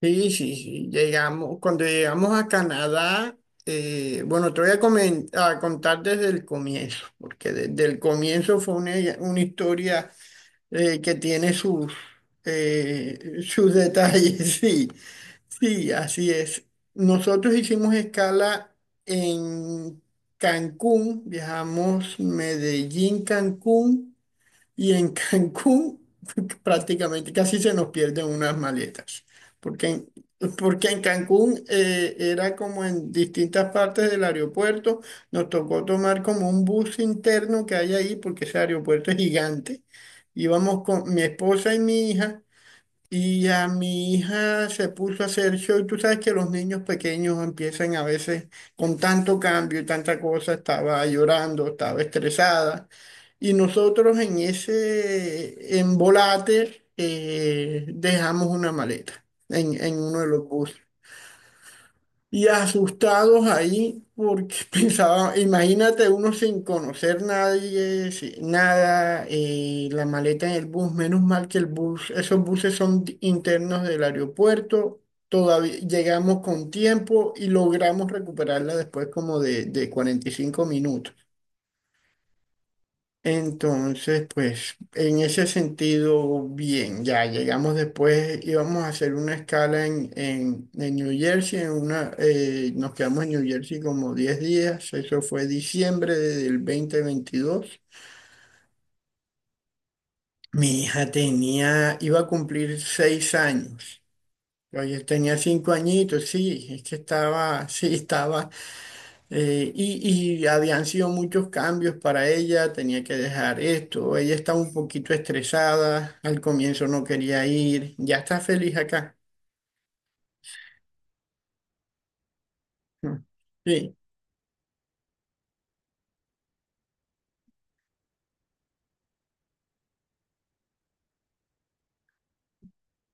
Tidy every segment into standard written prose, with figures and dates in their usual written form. Sí, sí, sí. Llegamos, cuando llegamos a Canadá, bueno, te voy a, comen- a contar desde el comienzo, porque desde el comienzo fue una historia que tiene sus detalles, sí, sí, así es. Nosotros hicimos escala en Cancún, viajamos Medellín, Cancún. Y en Cancún prácticamente casi se nos pierden unas maletas, porque en, porque en Cancún era como en distintas partes del aeropuerto, nos tocó tomar como un bus interno que hay ahí, porque ese aeropuerto es gigante. Íbamos con mi esposa y mi hija, y a mi hija se puso a hacer show. Y tú sabes que los niños pequeños empiezan a veces con tanto cambio y tanta cosa, estaba llorando, estaba estresada. Y nosotros en ese embolate dejamos una maleta en uno de los buses, y asustados ahí porque pensaba, imagínate uno sin conocer nadie, nada, la maleta en el bus, menos mal que el bus, esos buses son internos del aeropuerto, todavía llegamos con tiempo y logramos recuperarla después como de 45 minutos. Entonces, pues en ese sentido, bien, ya llegamos después, íbamos a hacer una escala en New Jersey, en una, nos quedamos en New Jersey como 10 días, eso fue diciembre del 2022. Mi hija tenía, iba a cumplir 6 años. Oye, tenía 5 añitos, sí, es que estaba, sí, estaba. Y, y habían sido muchos cambios para ella, tenía que dejar esto, ella estaba un poquito estresada, al comienzo no quería ir, ya está feliz acá. Mm, sí,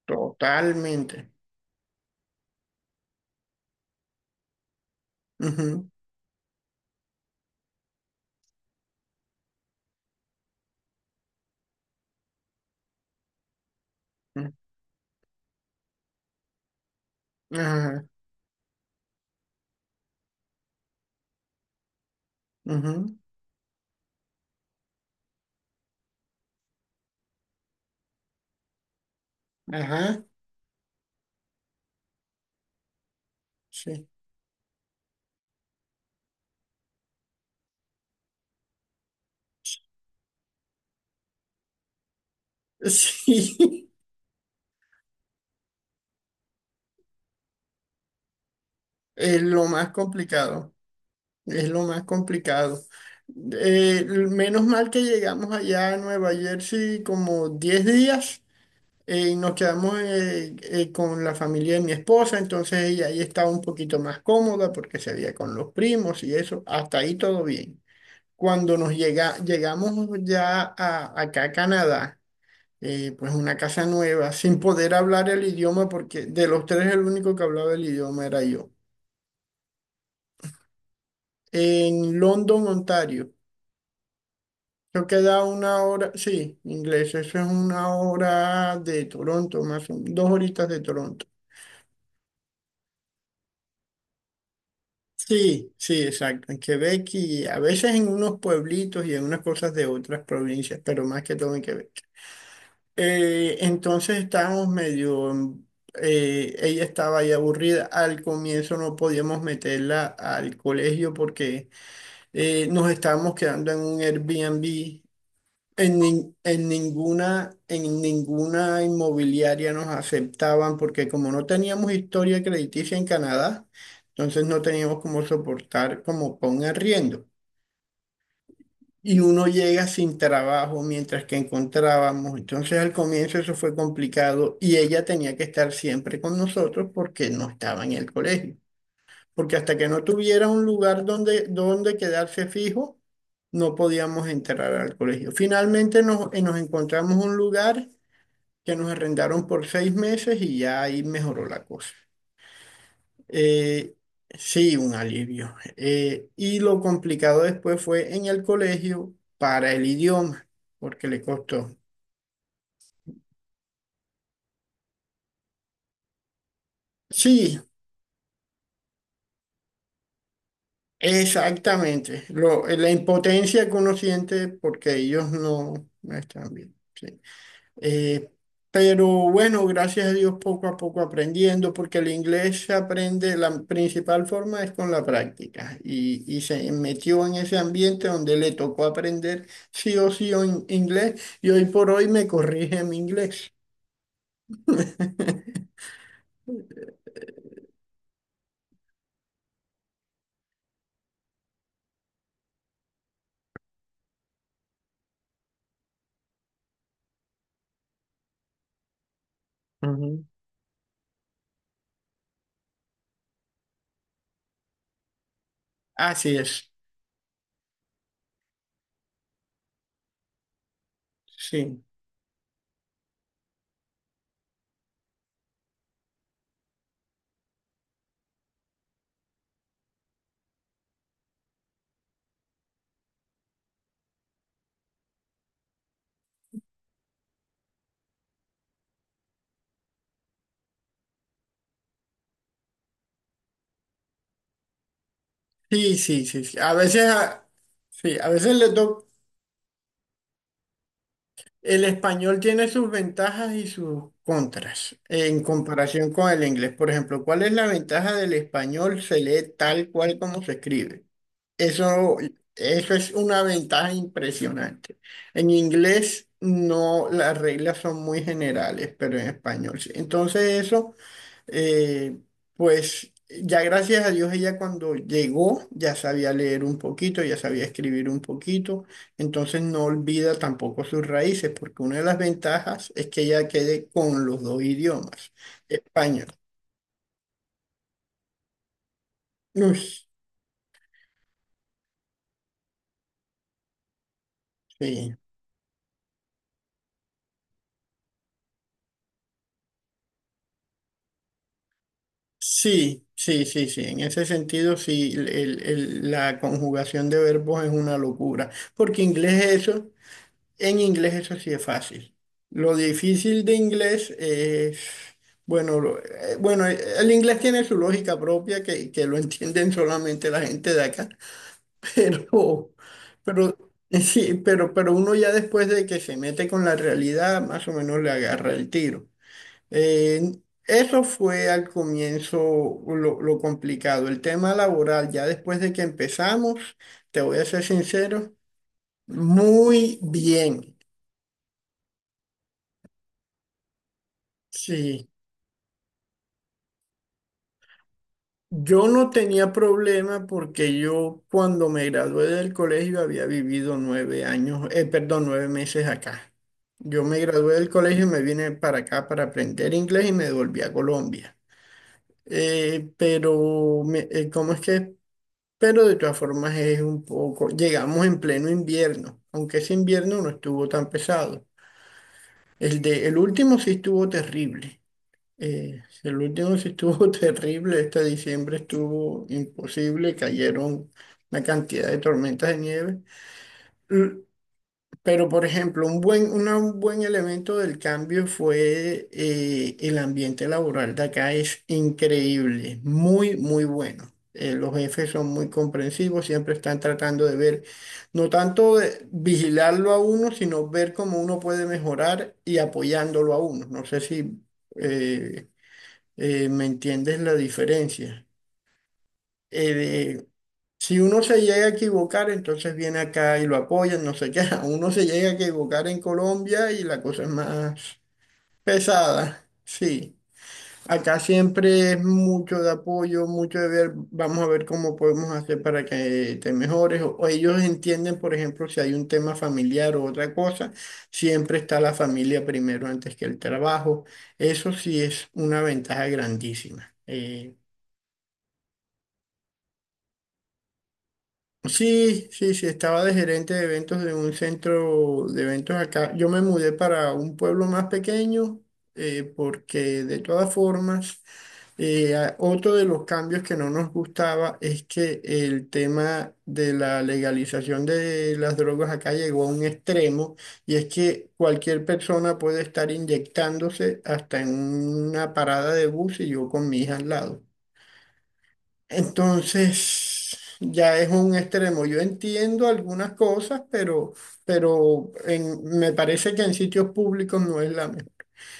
totalmente. Ujú, mm, ajá, ujú, ajá, sí. Sí, es lo más complicado, es lo más complicado. Eh, Menos mal que llegamos allá a Nueva Jersey como 10 días y nos quedamos con la familia de mi esposa, entonces ella ahí estaba un poquito más cómoda porque se veía con los primos y eso, hasta ahí todo bien. Llegamos ya acá a Canadá, pues una casa nueva, sin poder hablar el idioma porque de los tres el único que hablaba el idioma era yo. En London, Ontario. Eso queda una hora, sí, inglés, eso es una hora de Toronto, dos horitas de Toronto. Sí, sí, exacto. En Quebec, y a veces en unos pueblitos y en unas cosas de otras provincias, pero más que todo en Quebec. Entonces estábamos ella estaba ahí aburrida. Al comienzo no podíamos meterla al colegio porque nos estábamos quedando en un Airbnb en ninguna inmobiliaria nos aceptaban porque como no teníamos historia crediticia en Canadá, entonces no teníamos como soportar como con un arriendo. Y uno llega sin trabajo mientras que encontrábamos. Entonces al comienzo eso fue complicado y ella tenía que estar siempre con nosotros porque no estaba en el colegio, porque hasta que no tuviera un lugar donde quedarse fijo, no podíamos entrar al colegio. Finalmente nos encontramos un lugar que nos arrendaron por 6 meses y ya ahí mejoró la cosa. Eh, sí, un alivio. Y lo complicado después fue en el colegio para el idioma, porque le costó. Sí, exactamente. La impotencia que uno siente porque ellos no, no están bien. Sí. Eh, pero bueno, gracias a Dios poco a poco aprendiendo, porque el inglés se aprende, la principal forma es con la práctica. Y se metió en ese ambiente donde le tocó aprender sí o sí en inglés, y hoy por hoy me corrige mi inglés. Ujú. Así es, sí, sí, sí, sí, sí. Sí, a veces le toca. El español tiene sus ventajas y sus contras en comparación con el inglés. Por ejemplo, ¿cuál es la ventaja del español? Se lee tal cual como se escribe. Eso, eso es una ventaja impresionante. En inglés no, las reglas son muy generales, pero en español sí. Entonces eso eh, pues ya gracias a Dios ella cuando llegó ya sabía leer un poquito, ya sabía escribir un poquito, entonces no olvida tampoco sus raíces, porque una de las ventajas es que ella quede con los dos idiomas, español. Uy, sí. Sí, sí, sí, sí. En ese sentido, sí, la conjugación de verbos es una locura, porque inglés es eso. En inglés eso sí es fácil. Lo difícil de inglés es, bueno, bueno, el inglés tiene su lógica propia que lo entienden solamente la gente de acá, pero, sí, pero uno ya después de que se mete con la realidad, más o menos le agarra el tiro. Eh, Eso fue al comienzo lo complicado. El tema laboral, ya después de que empezamos, te voy a ser sincero, muy bien. Sí. Yo no tenía problema porque yo cuando me gradué del colegio había vivido 9 años, perdón, 9 meses acá. Yo me gradué del colegio y me vine para acá para aprender inglés y me devolví a Colombia. ¿Cómo es que? Pero de todas formas es un poco, llegamos en pleno invierno, aunque ese invierno no estuvo tan pesado. El último sí estuvo terrible. El último sí estuvo terrible, este diciembre estuvo imposible, cayeron una cantidad de tormentas de nieve. L- Pero, por ejemplo, un buen elemento del cambio fue el ambiente laboral de acá es increíble, muy, muy bueno. Los jefes son muy comprensivos, siempre están tratando de ver, no tanto de vigilarlo a uno, sino ver cómo uno puede mejorar y apoyándolo a uno. No sé si... eh, ¿me entiendes la diferencia? Eh, de- si uno se llega a equivocar, entonces viene acá y lo apoyan, no sé qué. Uno se llega a equivocar en Colombia y la cosa es más pesada. Sí, acá siempre es mucho de apoyo, mucho de ver, vamos a ver cómo podemos hacer para que te mejores. O ellos entienden, por ejemplo, si hay un tema familiar o otra cosa, siempre está la familia primero antes que el trabajo. Eso sí es una ventaja grandísima. Sí, sí, sí, estaba de gerente de eventos de un centro de eventos acá. Yo me mudé para un pueblo más pequeño porque de todas formas, otro de los cambios que no nos gustaba es que el tema de la legalización de las drogas acá llegó a un extremo, y es que cualquier persona puede estar inyectándose hasta en una parada de bus y yo con mi hija al lado. Entonces, ya es un extremo. Yo entiendo algunas cosas, pero, me parece que en sitios públicos no es la mejor.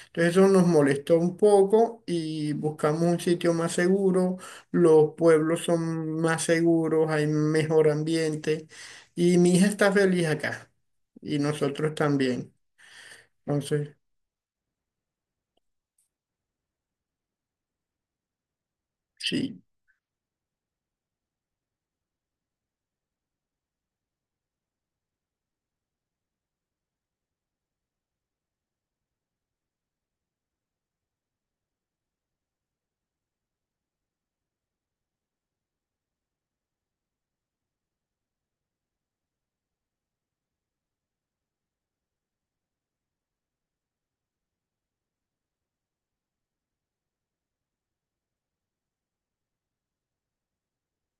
Entonces, eso nos molestó un poco y buscamos un sitio más seguro. Los pueblos son más seguros, hay mejor ambiente y mi hija está feliz acá y nosotros también. Entonces, sí.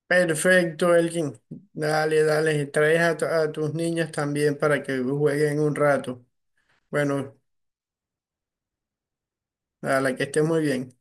Perfecto, Elkin. Dale, dale. Traes a tus niñas también para que jueguen un rato. Bueno, a la que esté muy bien.